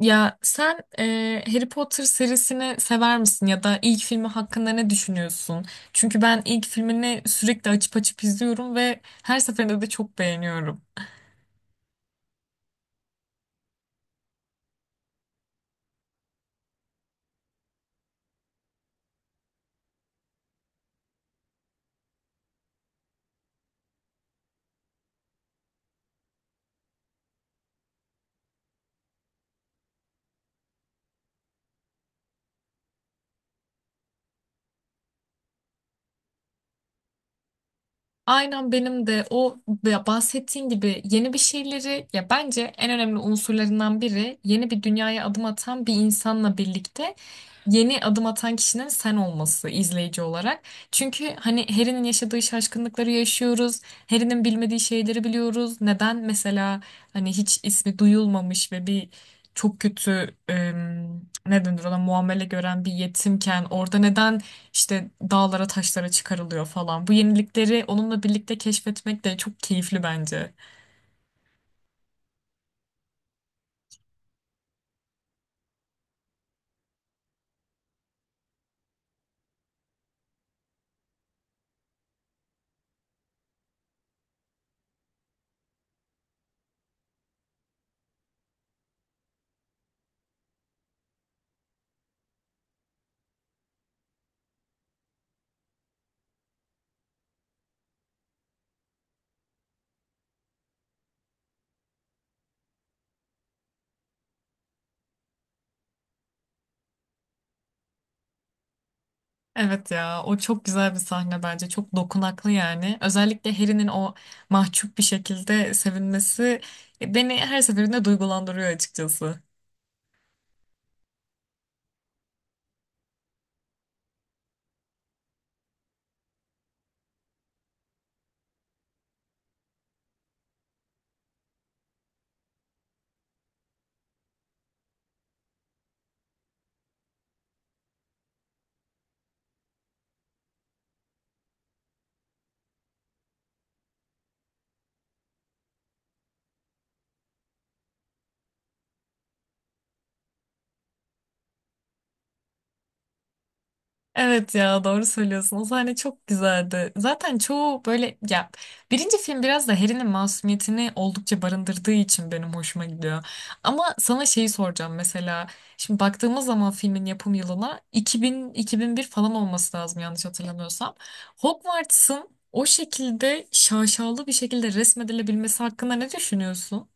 Ya sen Harry Potter serisini sever misin ya da ilk filmi hakkında ne düşünüyorsun? Çünkü ben ilk filmini sürekli açıp açıp izliyorum ve her seferinde de çok beğeniyorum. Aynen benim de o, ya bahsettiğin gibi yeni bir şeyleri, ya bence en önemli unsurlarından biri yeni bir dünyaya adım atan bir insanla birlikte yeni adım atan kişinin sen olması, izleyici olarak. Çünkü hani Harry'nin yaşadığı şaşkınlıkları yaşıyoruz. Harry'nin bilmediği şeyleri biliyoruz. Neden mesela hani hiç ismi duyulmamış ve bir çok kötü, ne denir, ona muamele gören bir yetimken orada neden işte dağlara taşlara çıkarılıyor falan. Bu yenilikleri onunla birlikte keşfetmek de çok keyifli bence. Evet ya, o çok güzel bir sahne bence. Çok dokunaklı yani. Özellikle Harry'nin o mahcup bir şekilde sevinmesi beni her seferinde duygulandırıyor açıkçası. Evet ya, doğru söylüyorsun. O sahne çok güzeldi. Zaten çoğu böyle ya, birinci film biraz da Harry'nin masumiyetini oldukça barındırdığı için benim hoşuma gidiyor. Ama sana şeyi soracağım mesela. Şimdi baktığımız zaman filmin yapım yılına 2000-2001 falan olması lazım, yanlış hatırlamıyorsam. Hogwarts'ın o şekilde şaşalı bir şekilde resmedilebilmesi hakkında ne düşünüyorsun?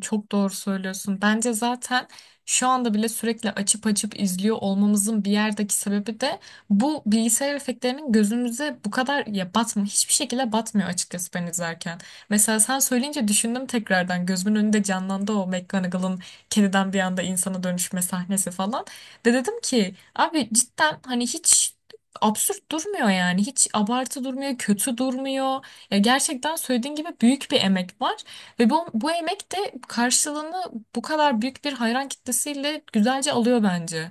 Çok doğru söylüyorsun. Bence zaten şu anda bile sürekli açıp açıp izliyor olmamızın bir yerdeki sebebi de bu bilgisayar efektlerinin gözümüze bu kadar ya batmıyor. Hiçbir şekilde batmıyor açıkçası, ben izlerken. Mesela sen söyleyince düşündüm tekrardan. Gözümün önünde canlandı o McGonagall'ın kediden bir anda insana dönüşme sahnesi falan. Ve dedim ki, abi cidden hani hiç absürt durmuyor yani. Hiç abartı durmuyor, kötü durmuyor. Ya gerçekten söylediğin gibi büyük bir emek var. Ve bu emek de karşılığını bu kadar büyük bir hayran kitlesiyle güzelce alıyor bence.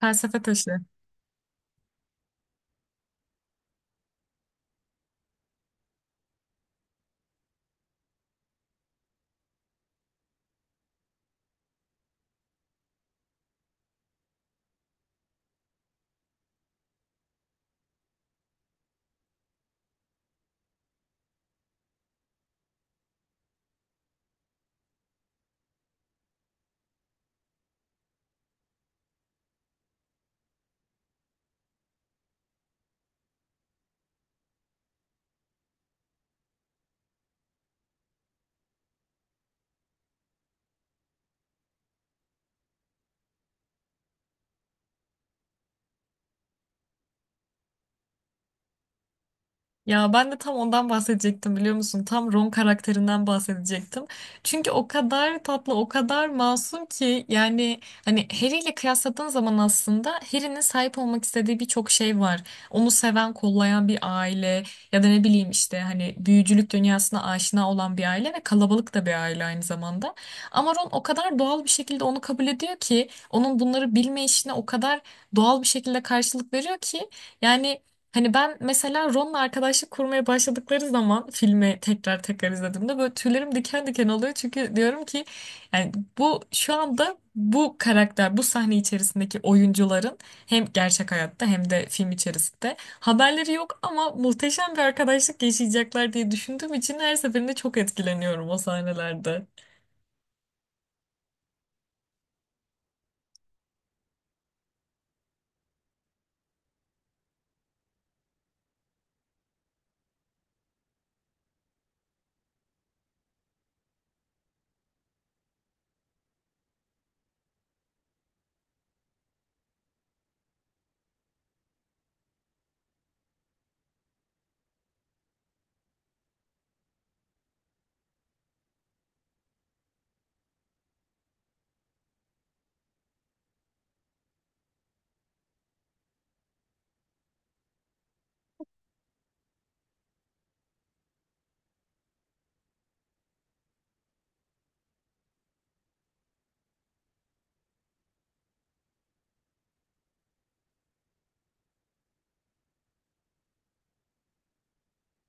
Felsefe taşı. Ya ben de tam ondan bahsedecektim, biliyor musun? Tam Ron karakterinden bahsedecektim. Çünkü o kadar tatlı, o kadar masum ki, yani hani Harry ile kıyasladığın zaman aslında Harry'nin sahip olmak istediği birçok şey var. Onu seven, kollayan bir aile, ya da ne bileyim işte hani büyücülük dünyasına aşina olan bir aile, ve kalabalık da bir aile aynı zamanda. Ama Ron o kadar doğal bir şekilde onu kabul ediyor ki, onun bunları bilme işine o kadar doğal bir şekilde karşılık veriyor ki, yani hani ben mesela Ron'la arkadaşlık kurmaya başladıkları zaman, filmi tekrar tekrar izlediğimde, böyle tüylerim diken diken oluyor. Çünkü diyorum ki, yani bu şu anda bu karakter, bu sahne içerisindeki oyuncuların hem gerçek hayatta hem de film içerisinde haberleri yok ama muhteşem bir arkadaşlık yaşayacaklar diye düşündüğüm için her seferinde çok etkileniyorum o sahnelerde.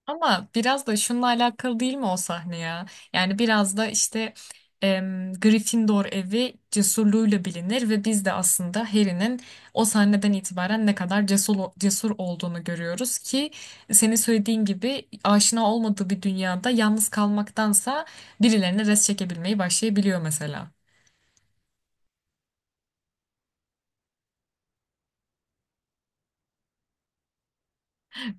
Ama biraz da şununla alakalı değil mi o sahne ya? Yani biraz da işte, Gryffindor evi cesurluğuyla bilinir ve biz de aslında Harry'nin o sahneden itibaren ne kadar cesur olduğunu görüyoruz ki, senin söylediğin gibi aşina olmadığı bir dünyada yalnız kalmaktansa birilerine res çekebilmeyi başlayabiliyor mesela.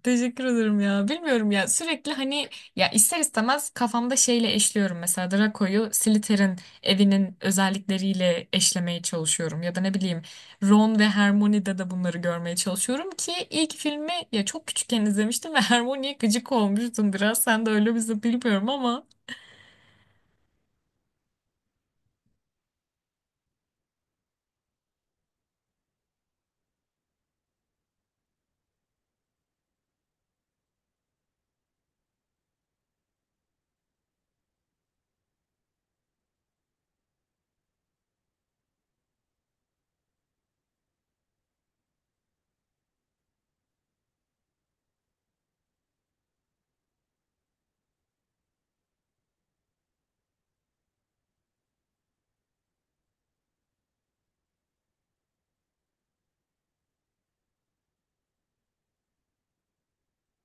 Teşekkür ederim ya. Bilmiyorum ya, sürekli hani, ya ister istemez kafamda şeyle eşliyorum, mesela Draco'yu Slytherin evinin özellikleriyle eşlemeye çalışıyorum, ya da ne bileyim Ron ve Hermione'de de bunları görmeye çalışıyorum ki, ilk filmi ya çok küçükken izlemiştim ve Hermione'ye gıcık olmuştum biraz, sen de öyle bizi bilmiyorum ama.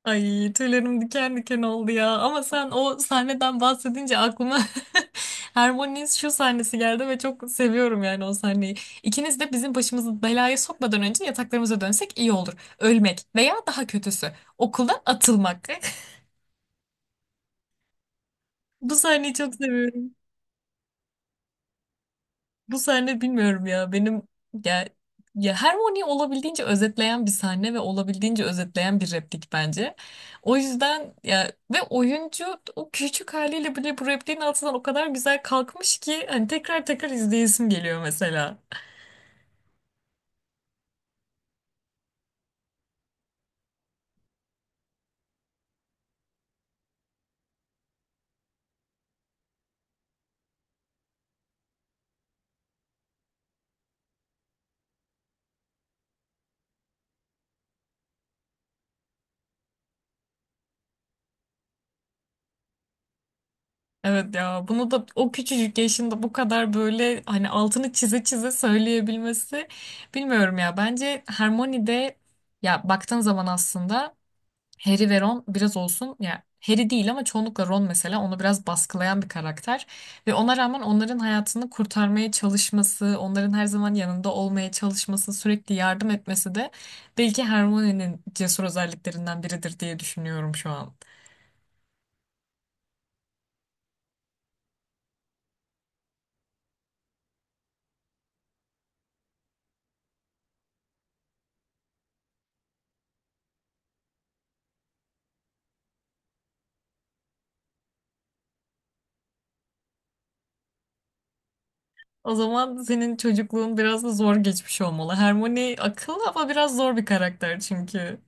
Ay, tüylerim diken diken oldu ya. Ama sen o sahneden bahsedince aklıma Hermione'nin şu sahnesi geldi ve çok seviyorum yani o sahneyi. "İkiniz de bizim başımızı belaya sokmadan önce yataklarımıza dönsek iyi olur. Ölmek veya daha kötüsü okuldan atılmak." Bu sahneyi çok seviyorum. Bu sahne bilmiyorum ya benim, ya ya Hermione olabildiğince özetleyen bir sahne ve olabildiğince özetleyen bir replik bence. O yüzden ya, ve oyuncu o küçük haliyle bile bu repliğin altından o kadar güzel kalkmış ki, hani tekrar tekrar izleyesim geliyor mesela. Evet ya, bunu da o küçücük yaşında bu kadar böyle hani altını çize çize söyleyebilmesi bilmiyorum ya, bence Hermione de, ya baktığın zaman aslında Harry ve Ron biraz olsun, ya Harry değil ama çoğunlukla Ron mesela onu biraz baskılayan bir karakter, ve ona rağmen onların hayatını kurtarmaya çalışması, onların her zaman yanında olmaya çalışması, sürekli yardım etmesi de belki Hermione'nin cesur özelliklerinden biridir diye düşünüyorum şu an. O zaman senin çocukluğun biraz da zor geçmiş olmalı. Hermione akıllı ama biraz zor bir karakter çünkü.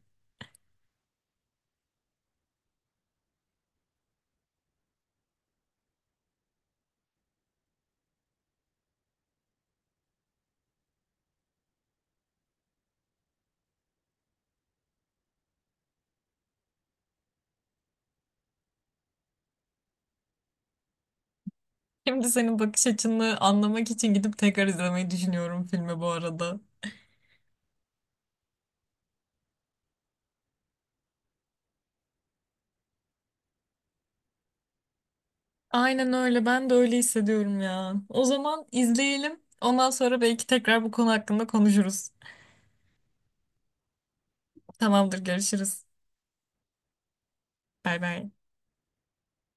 Şimdi senin bakış açını anlamak için gidip tekrar izlemeyi düşünüyorum filmi bu arada. Aynen öyle. Ben de öyle hissediyorum ya. O zaman izleyelim. Ondan sonra belki tekrar bu konu hakkında konuşuruz. Tamamdır, görüşürüz. Bay bay.